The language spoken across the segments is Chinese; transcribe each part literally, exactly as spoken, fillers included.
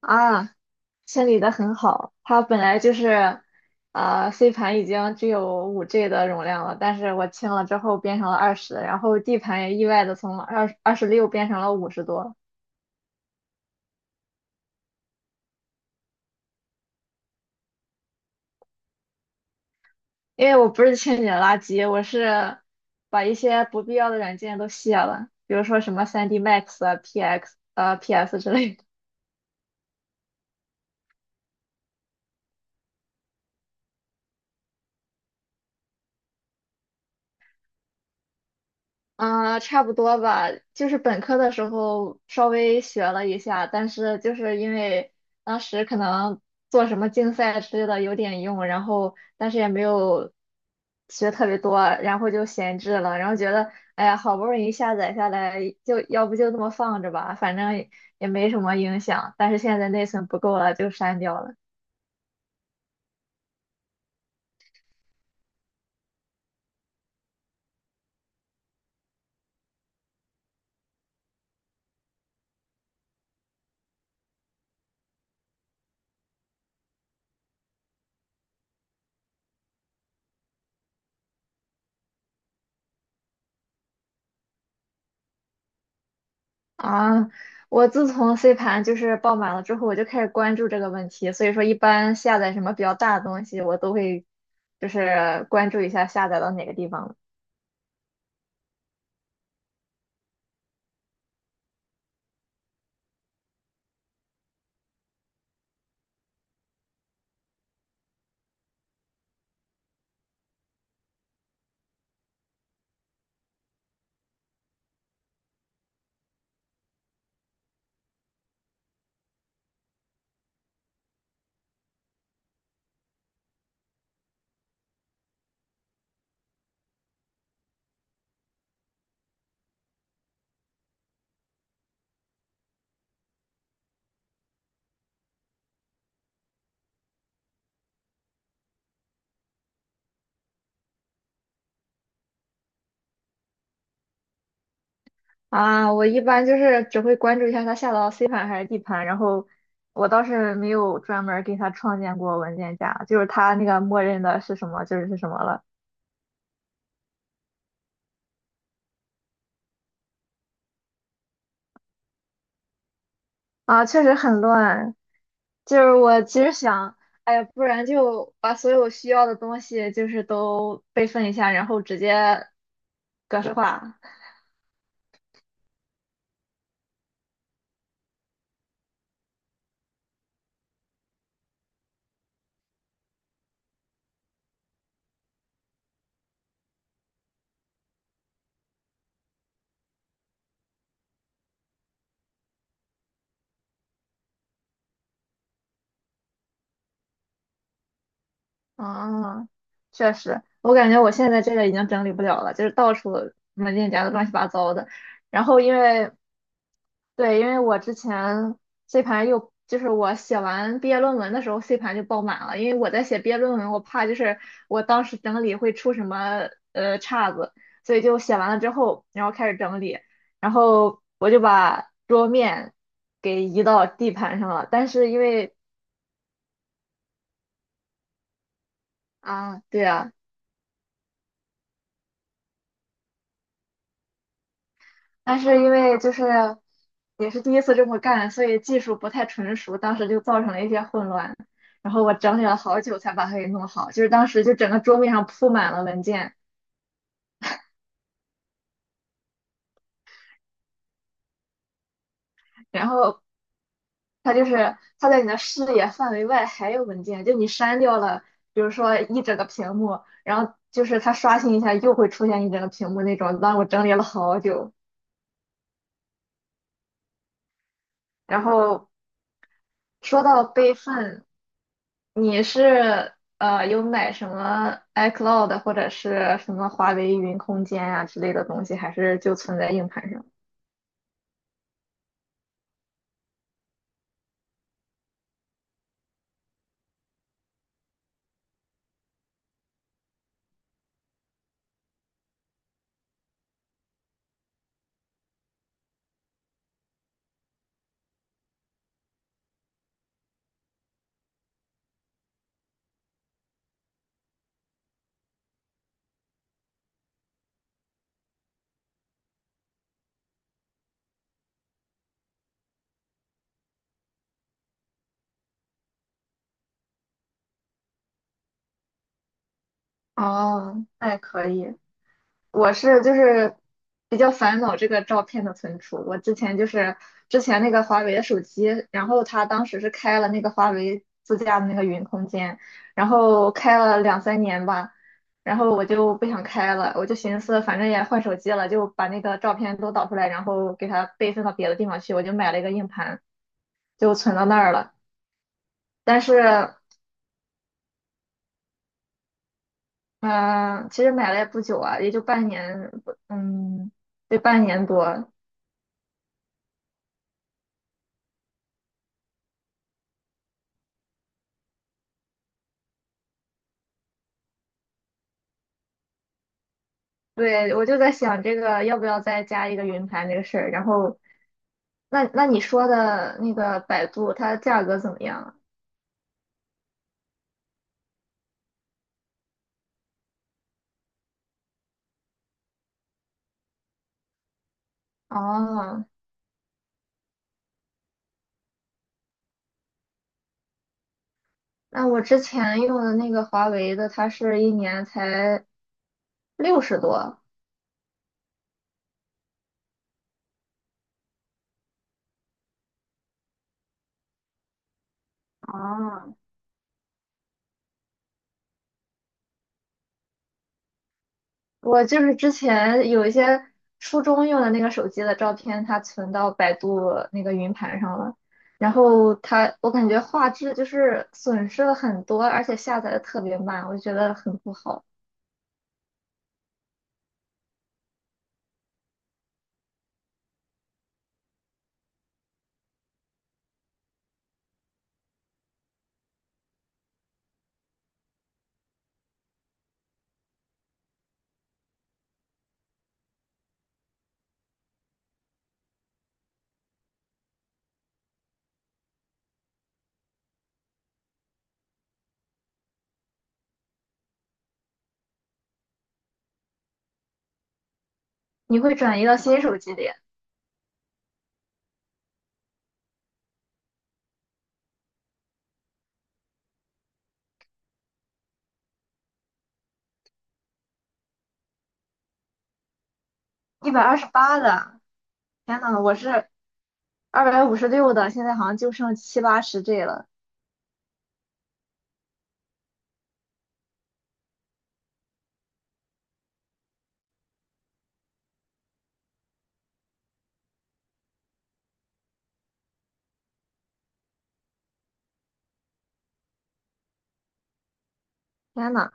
啊，清理的很好。它本来就是，呃，C 盘已经只有五 G 的容量了，但是我清了之后变成了二十，然后 D 盘也意外的从二二十六变成了五十多。因为我不是清理了垃圾，我是把一些不必要的软件都卸了，比如说什么 三 D Max 啊、P X 呃 P S 之类的。嗯，呃差不多吧，就是本科的时候稍微学了一下，但是就是因为当时可能做什么竞赛之类的有点用，然后但是也没有学特别多，然后就闲置了，然后觉得哎呀，好不容易下载下来，就要不就这么放着吧，反正也没什么影响，但是现在内存不够了，就删掉了。啊，我自从 C 盘就是爆满了之后，我就开始关注这个问题。所以说，一般下载什么比较大的东西，我都会就是关注一下下载到哪个地方了。啊，我一般就是只会关注一下它下到 C 盘还是 D 盘，然后我倒是没有专门儿给它创建过文件夹，就是它那个默认的是什么就是是什么了。啊，确实很乱。就是我其实想，哎呀，不然就把所有需要的东西就是都备份一下，然后直接格式化。啊，确实，我感觉我现在这个已经整理不了了，就是到处文件夹都乱七八糟的。然后因为对，因为我之前 C 盘又就是我写完毕业论文的时候，C 盘就爆满了，因为我在写毕业论文，我怕就是我当时整理会出什么呃岔子，所以就写完了之后，然后开始整理，然后我就把桌面给移到 D 盘上了，但是因为啊，对啊。但是因为就是也是第一次这么干，所以技术不太纯熟，当时就造成了一些混乱。然后我整理了好久才把它给弄好，就是当时就整个桌面上铺满了文件，然后它就是它在你的视野范围外还有文件，就你删掉了，比如说一整个屏幕，然后就是它刷新一下又会出现一整个屏幕那种，让我整理了好久。然后说到备份。你是呃有买什么 iCloud 或者是什么华为云空间啊之类的东西，还是就存在硬盘上？哦，那也可以。我是就是比较烦恼这个照片的存储。我之前就是之前那个华为的手机，然后它当时是开了那个华为自家的那个云空间，然后开了两三年吧，然后我就不想开了，我就寻思反正也换手机了，就把那个照片都导出来，然后给它备份到别的地方去。我就买了一个硬盘，就存到那儿了。但是，嗯、其实买了也不久啊，也就半年，嗯，对，半年多。对，我就在想这个要不要再加一个云盘这个事儿。然后，那那你说的那个百度，它价格怎么样啊？哦，那我之前用的那个华为的，它是一年才六十多。哦，我就是之前有一些初中用的那个手机的照片，它存到百度那个云盘上了。然后它，我感觉画质就是损失了很多，而且下载的特别慢，我就觉得很不好。你会转移到新手机里。一百二十八的，天呐，我是二百五十六的，现在好像就剩七八十 G 了。天呐，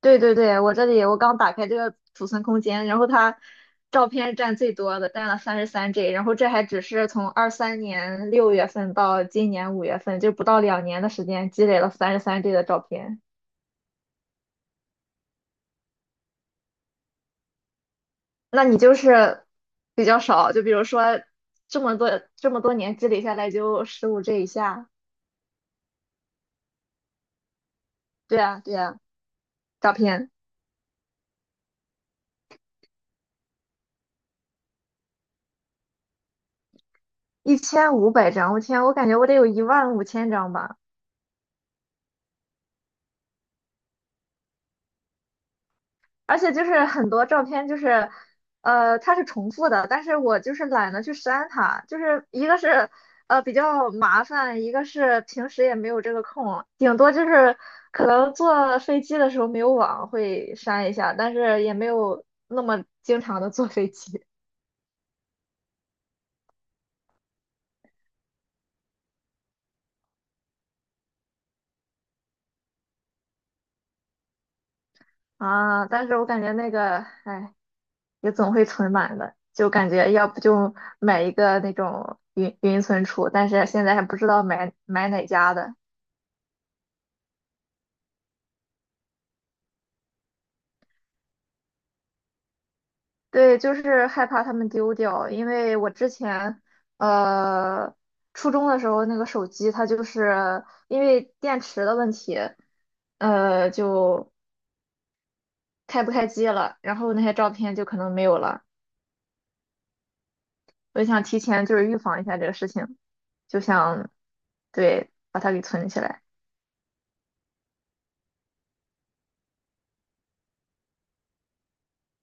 对对对，我这里我刚打开这个储存空间，然后它照片占最多的，占了三十三 G，然后这还只是从二三年六月份到今年五月份，就不到两年的时间积累了三十三 G 的照片。那你就是比较少，就比如说这么多这么多年积累下来就十五 G 以下。对啊，对啊。照片，一千五百张，我天，我感觉我得有一万五千张吧。而且就是很多照片，就是呃，它是重复的，但是我就是懒得去删它，就是一个是呃比较麻烦，一个是平时也没有这个空，顶多就是可能坐飞机的时候没有网会删一下，但是也没有那么经常的坐飞机 啊。但是我感觉那个，哎。也总会存满的，就感觉要不就买一个那种云云存储，但是现在还不知道买买哪家的。对，就是害怕他们丢掉，因为我之前呃初中的时候那个手机，它就是因为电池的问题，呃就开不开机了，然后那些照片就可能没有了。我就想提前就是预防一下这个事情，就想对把它给存起来。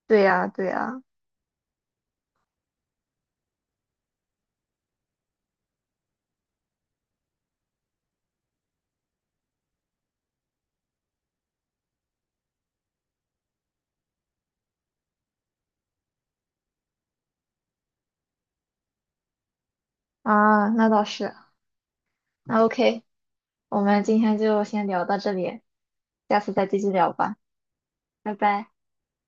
对呀，对呀，啊，那倒是。那 O K，我们今天就先聊到这里，下次再继续聊吧，拜拜。